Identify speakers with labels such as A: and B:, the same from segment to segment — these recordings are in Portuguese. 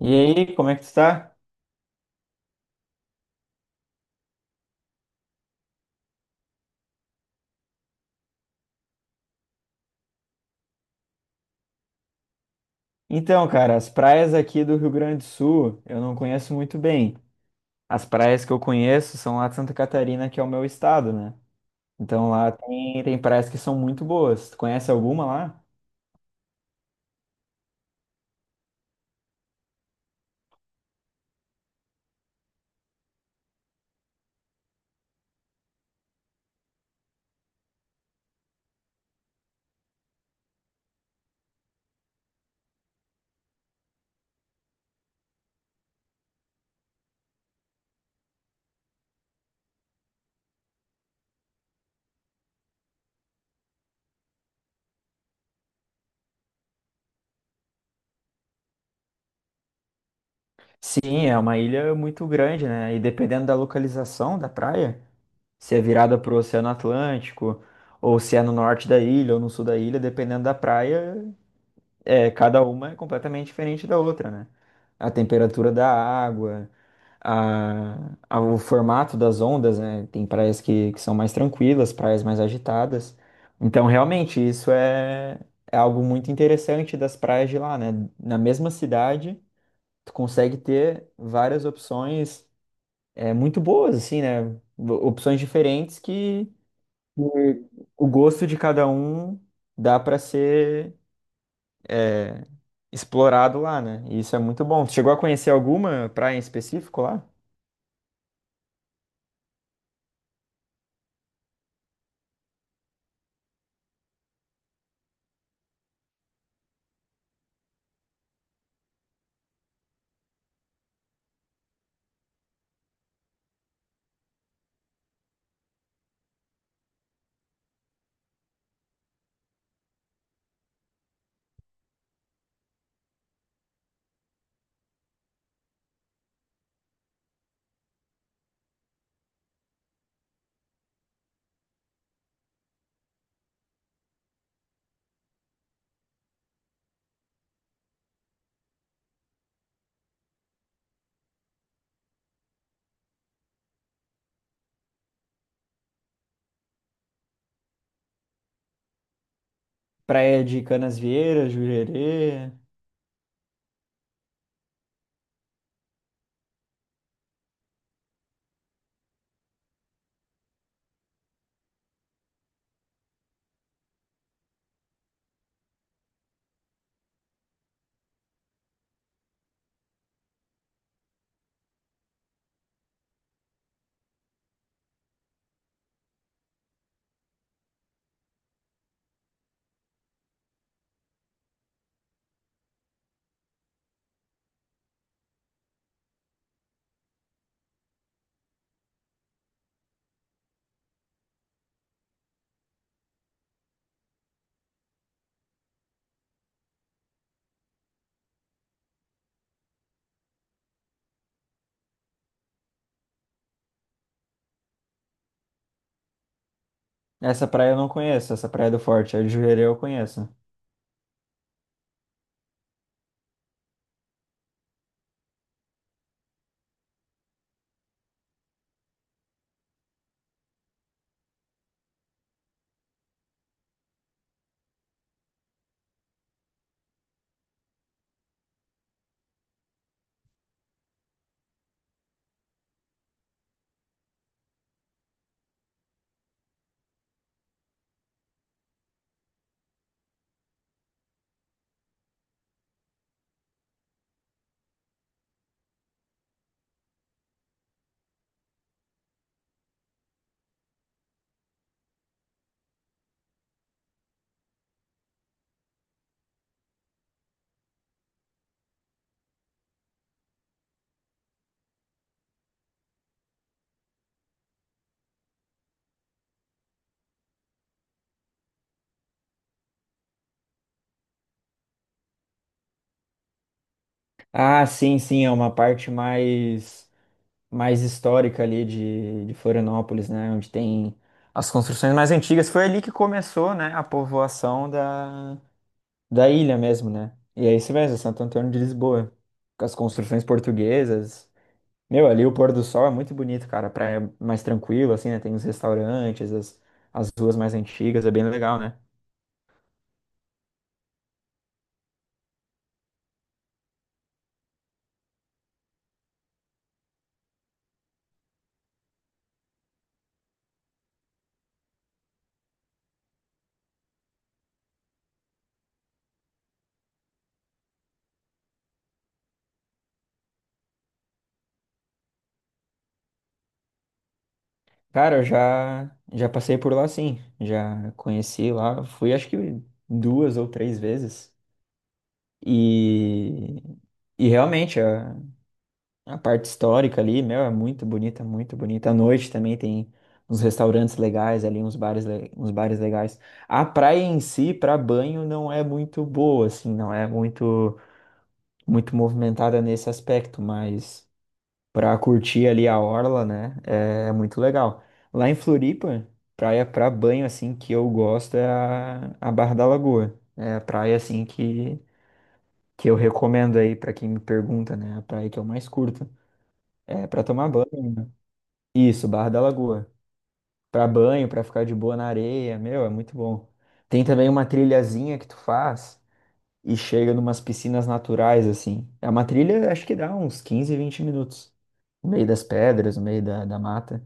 A: E aí, como é que tu tá? Então, cara, as praias aqui do Rio Grande do Sul eu não conheço muito bem. As praias que eu conheço são lá de Santa Catarina, que é o meu estado, né? Então lá tem praias que são muito boas. Tu conhece alguma lá? Sim, é uma ilha muito grande, né? E dependendo da localização da praia, se é virada pro Oceano Atlântico, ou se é no norte da ilha ou no sul da ilha, dependendo da praia, cada uma é completamente diferente da outra, né? A temperatura da água. O formato das ondas, né? Tem praias que são mais tranquilas, praias mais agitadas. Então, realmente, é algo muito interessante das praias de lá, né? Na mesma cidade, tu consegue ter várias opções muito boas, assim, né? Opções diferentes que o gosto de cada um dá para ser explorado lá, né? E isso é muito bom. Tu chegou a conhecer alguma praia em específico lá? Praia de Canasvieiras, Jurerê. Essa praia eu não conheço, essa praia do Forte, a de Jurerê eu conheço. Ah, sim, sim, é uma parte mais histórica ali de Florianópolis, né? Onde tem as construções mais antigas. Foi ali que começou, né, a povoação da ilha mesmo, né? E é isso mesmo, Santo Antônio de Lisboa. Com as construções portuguesas. Meu, ali o pôr do sol é muito bonito, cara. A praia é mais tranquila, assim, né? Tem os restaurantes, as ruas mais antigas, é bem legal, né? Cara, já passei por lá sim. Já conheci lá. Fui acho que 2 ou 3 vezes. E, e realmente a parte histórica ali, meu, é muito bonita, muito bonita. À noite também tem uns restaurantes legais ali, uns bares, uns bares legais. A praia em si, para banho, não é muito boa, assim, não é muito, muito movimentada nesse aspecto, mas para curtir ali a orla, né? É, é muito legal. Lá em Floripa, praia para banho assim que eu gosto é a Barra da Lagoa. É a praia assim que eu recomendo aí para quem me pergunta, né? A praia que eu mais curto. É para tomar banho. Né? Isso, Barra da Lagoa. Pra banho, para ficar de boa na areia, meu, é muito bom. Tem também uma trilhazinha que tu faz e chega numas piscinas naturais assim. É uma trilha, acho que dá uns 15, 20 minutos no meio das pedras, no meio da mata.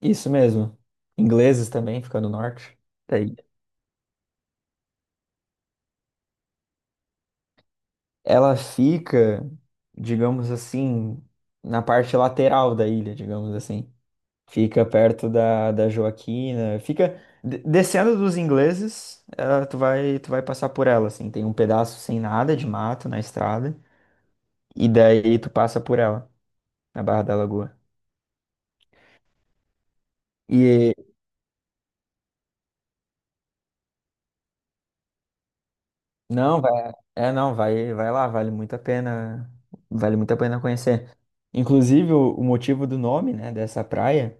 A: Isso mesmo. Ingleses também fica no norte. Daí ela fica, digamos assim, na parte lateral da ilha, digamos assim. Fica perto da Joaquina, fica descendo dos ingleses, tu vai passar por ela assim, tem um pedaço sem nada de mato na estrada e daí tu passa por ela, na Barra da Lagoa. E Não, vai, é não, vai, vai lá, vale muito a pena, vale muito a pena conhecer. Inclusive, o motivo do nome, né, dessa praia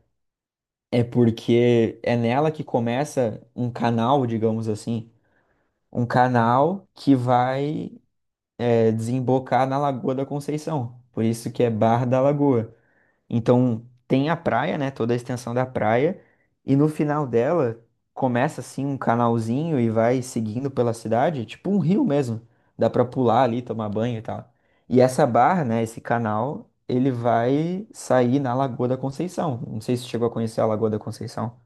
A: é porque é nela que começa um canal, digamos assim, um canal que vai desembocar na Lagoa da Conceição. Por isso que é Barra da Lagoa. Então tem a praia, né? Toda a extensão da praia. E no final dela começa assim um canalzinho e vai seguindo pela cidade, tipo um rio mesmo. Dá pra pular ali, tomar banho e tal. E essa barra, né? Esse canal, ele vai sair na Lagoa da Conceição. Não sei se você chegou a conhecer a Lagoa da Conceição.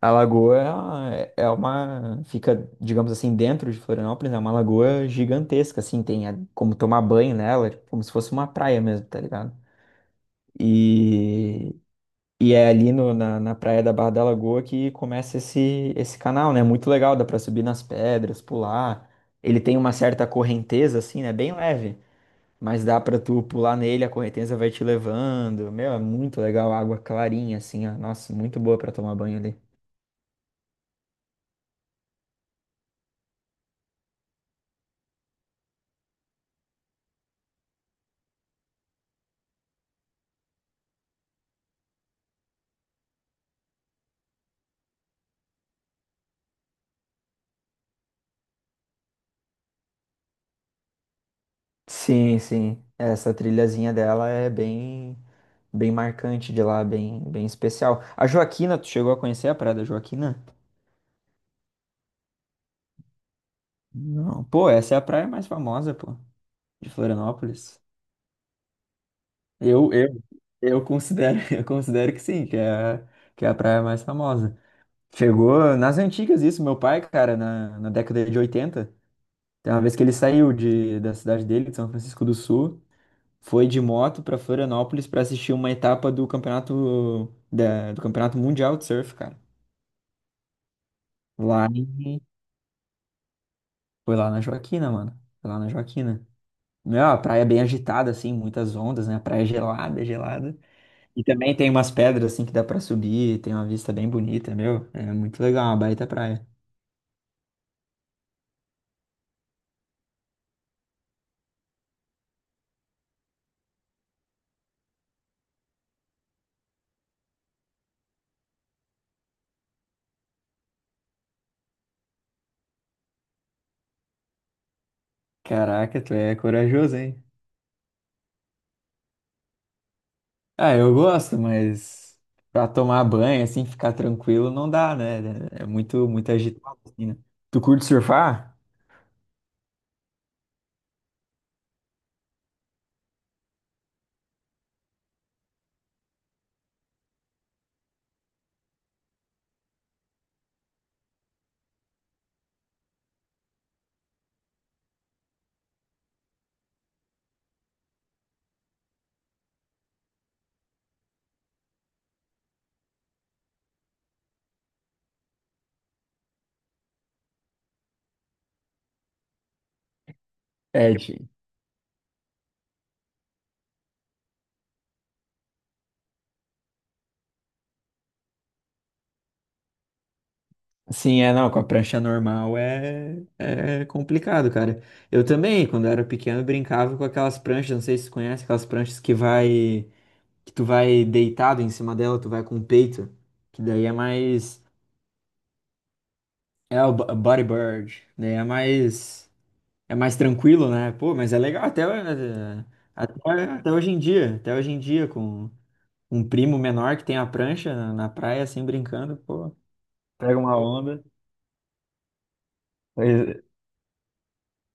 A: A lagoa é uma, fica, digamos assim, dentro de Florianópolis, é uma lagoa gigantesca, assim, tem como tomar banho nela, é como se fosse uma praia mesmo, tá ligado? E E é ali na praia da Barra da Lagoa que começa esse canal, né? Muito legal, dá pra subir nas pedras, pular. Ele tem uma certa correnteza, assim, né? Bem leve, mas dá pra tu pular nele, a correnteza vai te levando. Meu, é muito legal, água clarinha, assim, ó. Nossa, muito boa pra tomar banho ali. Sim, sim. Essa trilhazinha dela é bem, bem marcante de lá, bem, bem especial. A Joaquina, tu chegou a conhecer a Praia da Joaquina? Não. Pô, essa é a praia mais famosa, pô, de Florianópolis. Eu, eu, eu considero, eu considero que sim, que é, que é a praia mais famosa. Chegou nas antigas isso, meu pai, cara, na década de 80. Tem uma vez que ele saiu de, da cidade dele, de São Francisco do Sul, foi de moto pra Florianópolis para assistir uma etapa do campeonato do campeonato mundial de surf, cara. Lá em, foi lá na Joaquina, mano. Foi lá na Joaquina. Meu, a praia é bem agitada, assim, muitas ondas, né? A praia é gelada, gelada. E também tem umas pedras assim que dá pra subir, tem uma vista bem bonita, meu. É muito legal, uma baita praia. Caraca, tu é corajoso, hein? Ah, eu gosto, mas pra tomar banho, assim, ficar tranquilo, não dá, né? É muito, muito agitado, assim, né? Tu curte surfar? É, de- não, com a prancha normal é complicado, cara. Eu também, quando eu era pequeno, brincava com aquelas pranchas, não sei se você conhece, aquelas pranchas que vai. Que tu vai deitado em cima dela, tu vai com o peito, que daí é mais é o body bird, daí é mais tranquilo, né? Pô, mas é legal até, até hoje em dia, até hoje em dia com um primo menor que tem a prancha na praia assim brincando, pô, pega uma onda. Pois-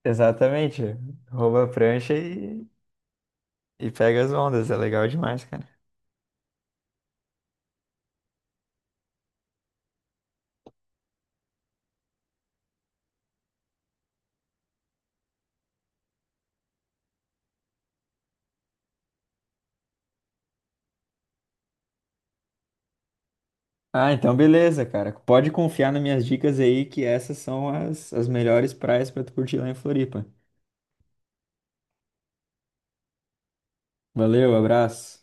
A: Exatamente. Rouba a prancha e pega as ondas. É legal demais, cara. Ah, então beleza, cara. Pode confiar nas minhas dicas aí, que essas são as melhores praias pra tu curtir lá em Floripa. Valeu, abraço.